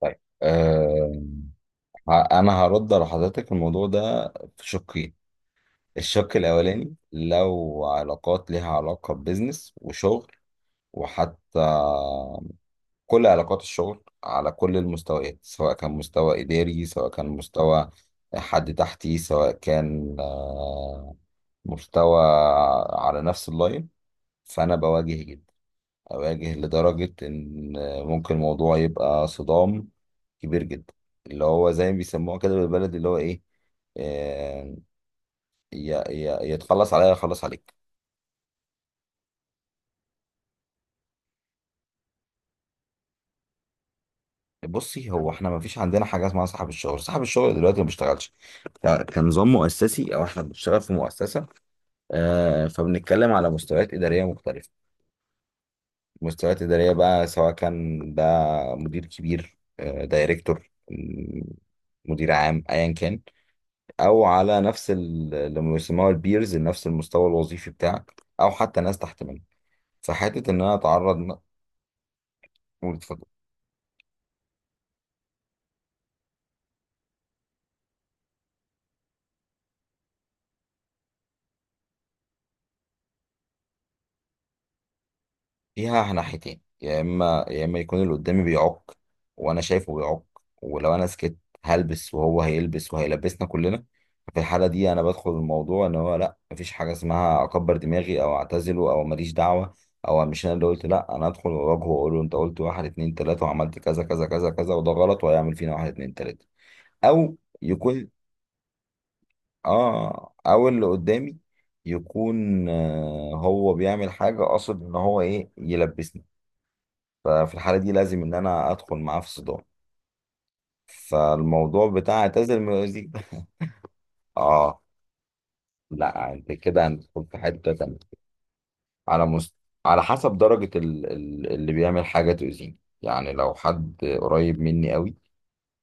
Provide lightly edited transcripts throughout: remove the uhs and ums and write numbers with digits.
طيب انا هرد على حضرتك الموضوع ده في شقين. الشق الاولاني لو علاقات ليها علاقة ببزنس وشغل، وحتى كل علاقات الشغل على كل المستويات، سواء كان مستوى اداري، سواء كان مستوى حد تحتي، سواء كان مستوى على نفس اللاين. فانا بواجه جدا، أواجه لدرجة إن ممكن الموضوع يبقى صدام كبير جدا، اللي هو زي ما بيسموها كده بالبلدي اللي هو إيه، آه، يا يتخلص عليا يخلص عليك. بصي هو احنا ما فيش عندنا حاجه اسمها صاحب الشغل، صاحب الشغل دلوقتي ما بيشتغلش كنظام مؤسسي، او احنا بنشتغل في مؤسسه. فبنتكلم على مستويات اداريه مختلفه. مستويات اداريه بقى، سواء كان ده مدير كبير، دايركتور، مدير عام، ايا كان، او على نفس اللي بيسموها البيرز، نفس المستوى الوظيفي بتاعك، او حتى ناس تحت منك. فحته ان انا واتفضل. فيها ناحيتين، يا اما يكون اللي قدامي بيعق، وانا شايفه بيعق، ولو انا سكت هلبس وهو هيلبس وهيلبسنا كلنا. في الحاله دي انا بدخل الموضوع ان هو لا، مفيش حاجه اسمها اكبر دماغي او اعتزله او ماليش دعوه، او مش انا اللي قلت لا، انا ادخل واواجهه واقول له انت قلت واحد اتنين تلاته وعملت كذا كذا كذا كذا، وده غلط وهيعمل فينا واحد اتنين تلاته. او يكون اه او اللي قدامي يكون آه هو بيعمل حاجه قاصد ان هو ايه، يلبسني. ففي الحاله دي لازم ان انا ادخل معاه في صدام. فالموضوع بتاع اعتزل من الوزير اه، لا انت كده هندخل في حته تانيه. على مست... على حسب درجه اللي بيعمل حاجه تؤذيني، يعني لو حد قريب مني قوي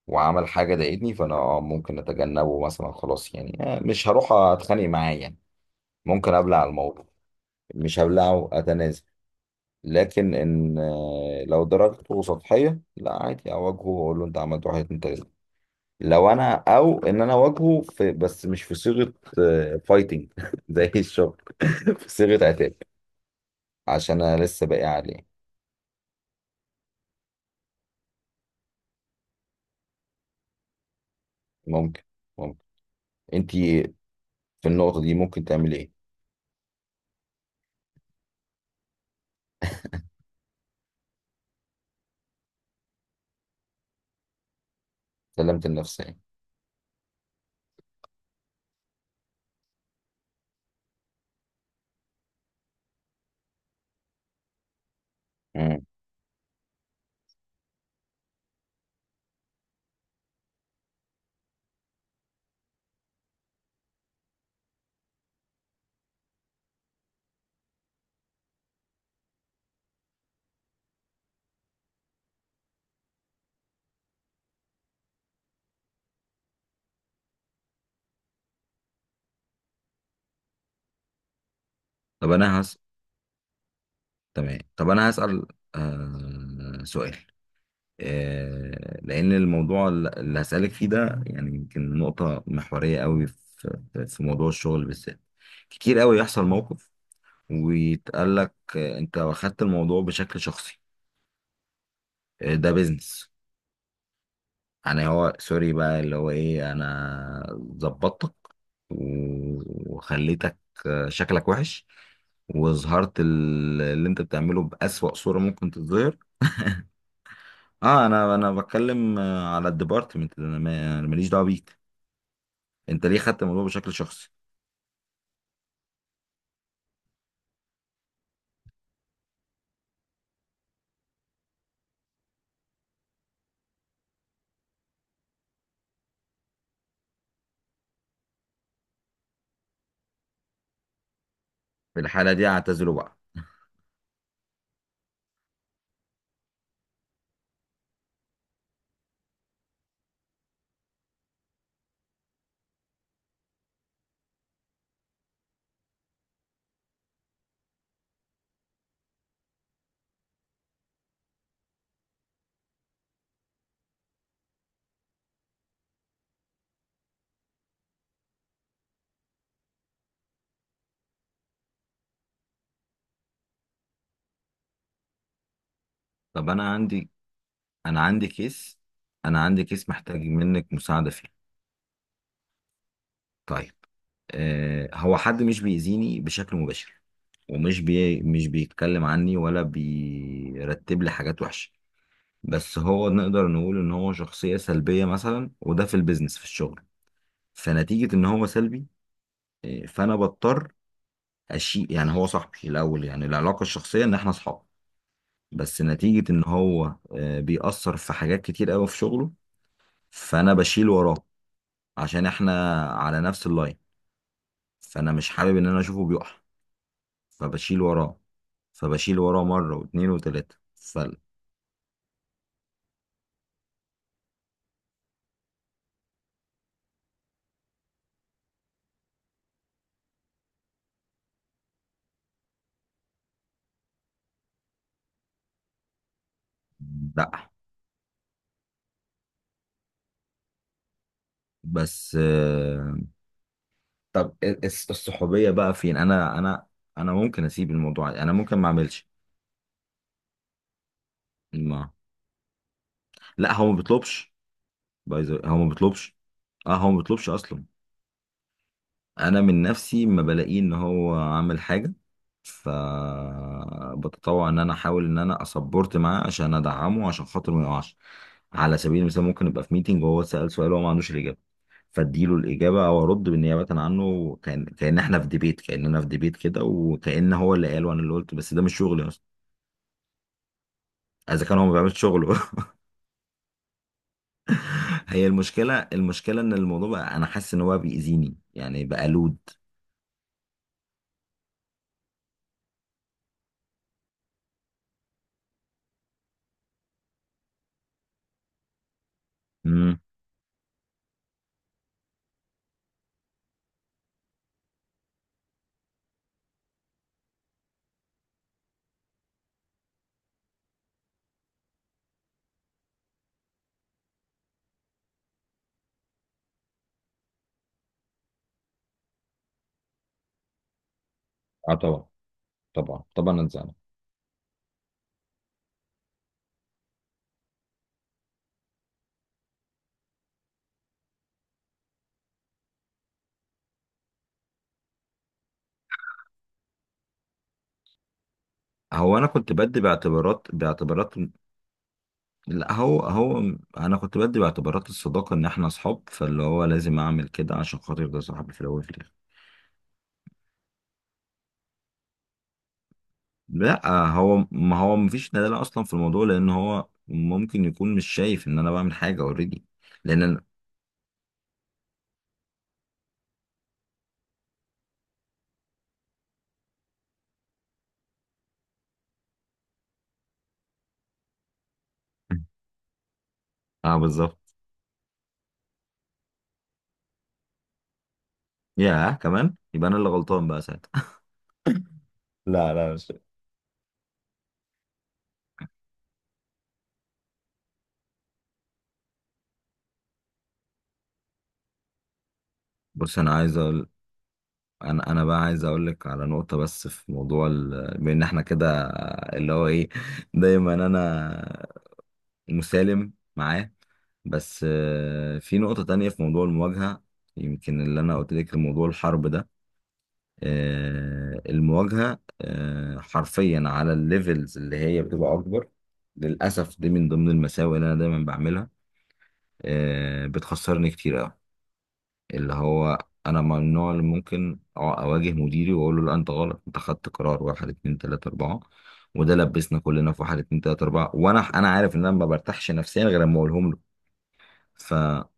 وعمل حاجه ضايقتني، فانا آه ممكن اتجنبه مثلا، خلاص يعني، آه مش هروح اتخانق معاه يعني. ممكن ابلع الموضوع، مش هبلعه اتنازل. لكن ان لو درجته سطحيه، لا عادي اواجهه واقول له انت عملت واحد اتنين تلاته. لو انا، او ان انا اواجهه في، بس مش في صيغه فايتنج زي الشغل، في صيغه عتاب، عشان انا لسه باقي عليه. ممكن ممكن انت في النقطه دي ممكن تعملي ايه. سلامه النفسيه. مم. طب انا هسأل، تمام طب انا هسأل سؤال، آه، لأن الموضوع اللي هسألك فيه ده يعني يمكن نقطة محورية قوي في موضوع الشغل بالذات. كتير قوي يحصل موقف ويتقال لك أنت واخدت الموضوع بشكل شخصي، ده بيزنس. يعني هو سوري بقى، اللي هو إيه، أنا ظبطتك وخليتك شكلك وحش، وظهرت اللي انت بتعمله بأسوأ صورة ممكن تتظهر. اه، انا بتكلم على الديبارتمنت، انا أنا ماليش دعوه بيك. انت ليه خدت الموضوع بشكل شخصي؟ في الحاله دي اعتذره بقى. طب انا عندي، انا عندي كيس انا عندي كيس محتاج منك مساعده فيه. طيب، آه هو حد مش بيأذيني بشكل مباشر، ومش بي مش بيتكلم عني، ولا بيرتب لي حاجات وحشه، بس هو نقدر نقول ان هو شخصيه سلبيه مثلا، وده في البيزنس في الشغل. فنتيجه ان هو سلبي، فانا بضطر اشيل. يعني هو صاحبي الاول، يعني العلاقه الشخصيه ان احنا اصحاب، بس نتيجة ان هو بيأثر في حاجات كتير قوي في شغله، فانا بشيل وراه، عشان احنا على نفس اللاين. فانا مش حابب ان انا اشوفه بيقع، فبشيل وراه فبشيل وراه مرة واتنين وتلاتة، فلا. بس طب إيه، الصحوبية بقى فين؟ انا ممكن اسيب الموضوع، انا ممكن ما اعملش. ما لا هو ما بيطلبش، هو ما بيطلبش، اه هو ما بيطلبش اصلا. انا من نفسي ما بلاقيه ان هو عامل حاجه، فبتطوع ان انا احاول ان انا اسبورت معاه عشان ادعمه، عشان خاطر ما يقعش. على سبيل المثال، ممكن ابقى في ميتنج وهو سأل سؤال وهو ما عندوش الاجابه، فاديله الاجابه او ارد بالنيابه عنه. كان احنا في ديبيت، كاننا في ديبيت كده، وكان هو اللي قال وانا اللي قلت، بس ده مش شغلي اصلا، اذا كان هو ما بيعملش شغله. هي المشكله، المشكله ان الموضوع بقى انا حاسس ان هو بيأذيني، يعني بقى لود. امم، اه طبعا، طبعا اتزعل. هو انا كنت بدي باعتبارات. لا هو هو انا كنت بدي باعتبارات الصداقه، ان احنا اصحاب، فاللي هو لازم اعمل كده عشان خاطر ده صاحبي في الاول وفي الاخر. لا هو، ما هو مفيش دلاله اصلا في الموضوع، لان هو ممكن يكون مش شايف ان انا بعمل حاجه اوريدي. لان أنا... اه بالظبط. يا كمان يبقى انا اللي غلطان بقى ساعتها. لا مش. بص انا عايز اقول، انا بقى عايز اقول لك على نقطه بس في موضوع بان احنا كده اللي هو ايه، دايما انا مسالم معاه. بس في نقطة تانية، في موضوع المواجهة، يمكن اللي أنا قلت لك موضوع الحرب ده، المواجهة حرفيا على الليفلز اللي هي بتبقى أكبر. للأسف دي من ضمن المساوئ اللي أنا دايما بعملها، بتخسرني كتير أوي. اللي هو أنا من النوع اللي ممكن أواجه مديري وأقول له لا أنت غلط، أنت خدت قرار واحد اتنين تلاتة أربعة، وده لبسنا كلنا في واحد اتنين تلاتة أربعة. وأنا عارف إن أنا ما برتاحش نفسيا غير لما أقولهم له.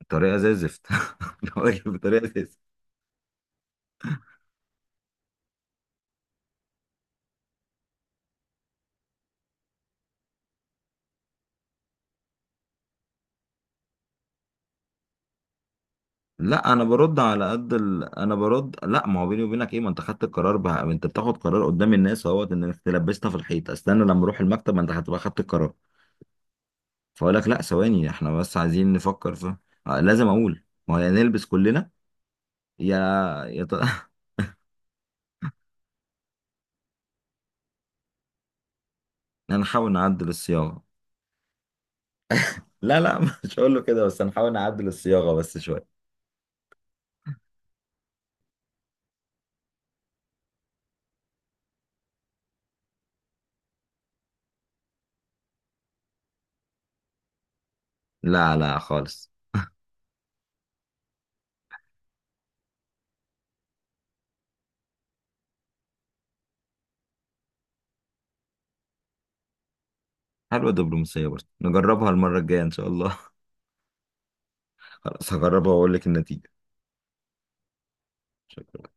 بطريقه زي الزفت، بواجه بطريقه زي الزفت. لا انا برد على قد انا برد لا، ما هو بيني وبينك ايه، ما انت خدت القرار بقى، انت بتاخد قرار قدام الناس اهوت، انك تلبسنا في الحيط. استنى لما اروح المكتب، ما انت هتبقى خدت القرار. فاقول لك لا، ثواني، احنا بس عايزين نفكر في، لازم اقول، ما هو يا نلبس كلنا. يا يا ت... هنحاول نعدل الصياغه. لا مش هقول له كده، بس هنحاول نعدل الصياغه بس شويه. لا خالص. حلوه الدبلوماسيه، برضه نجربها المره الجايه ان شاء الله. خلاص هجربها واقول لك النتيجه. شكرا.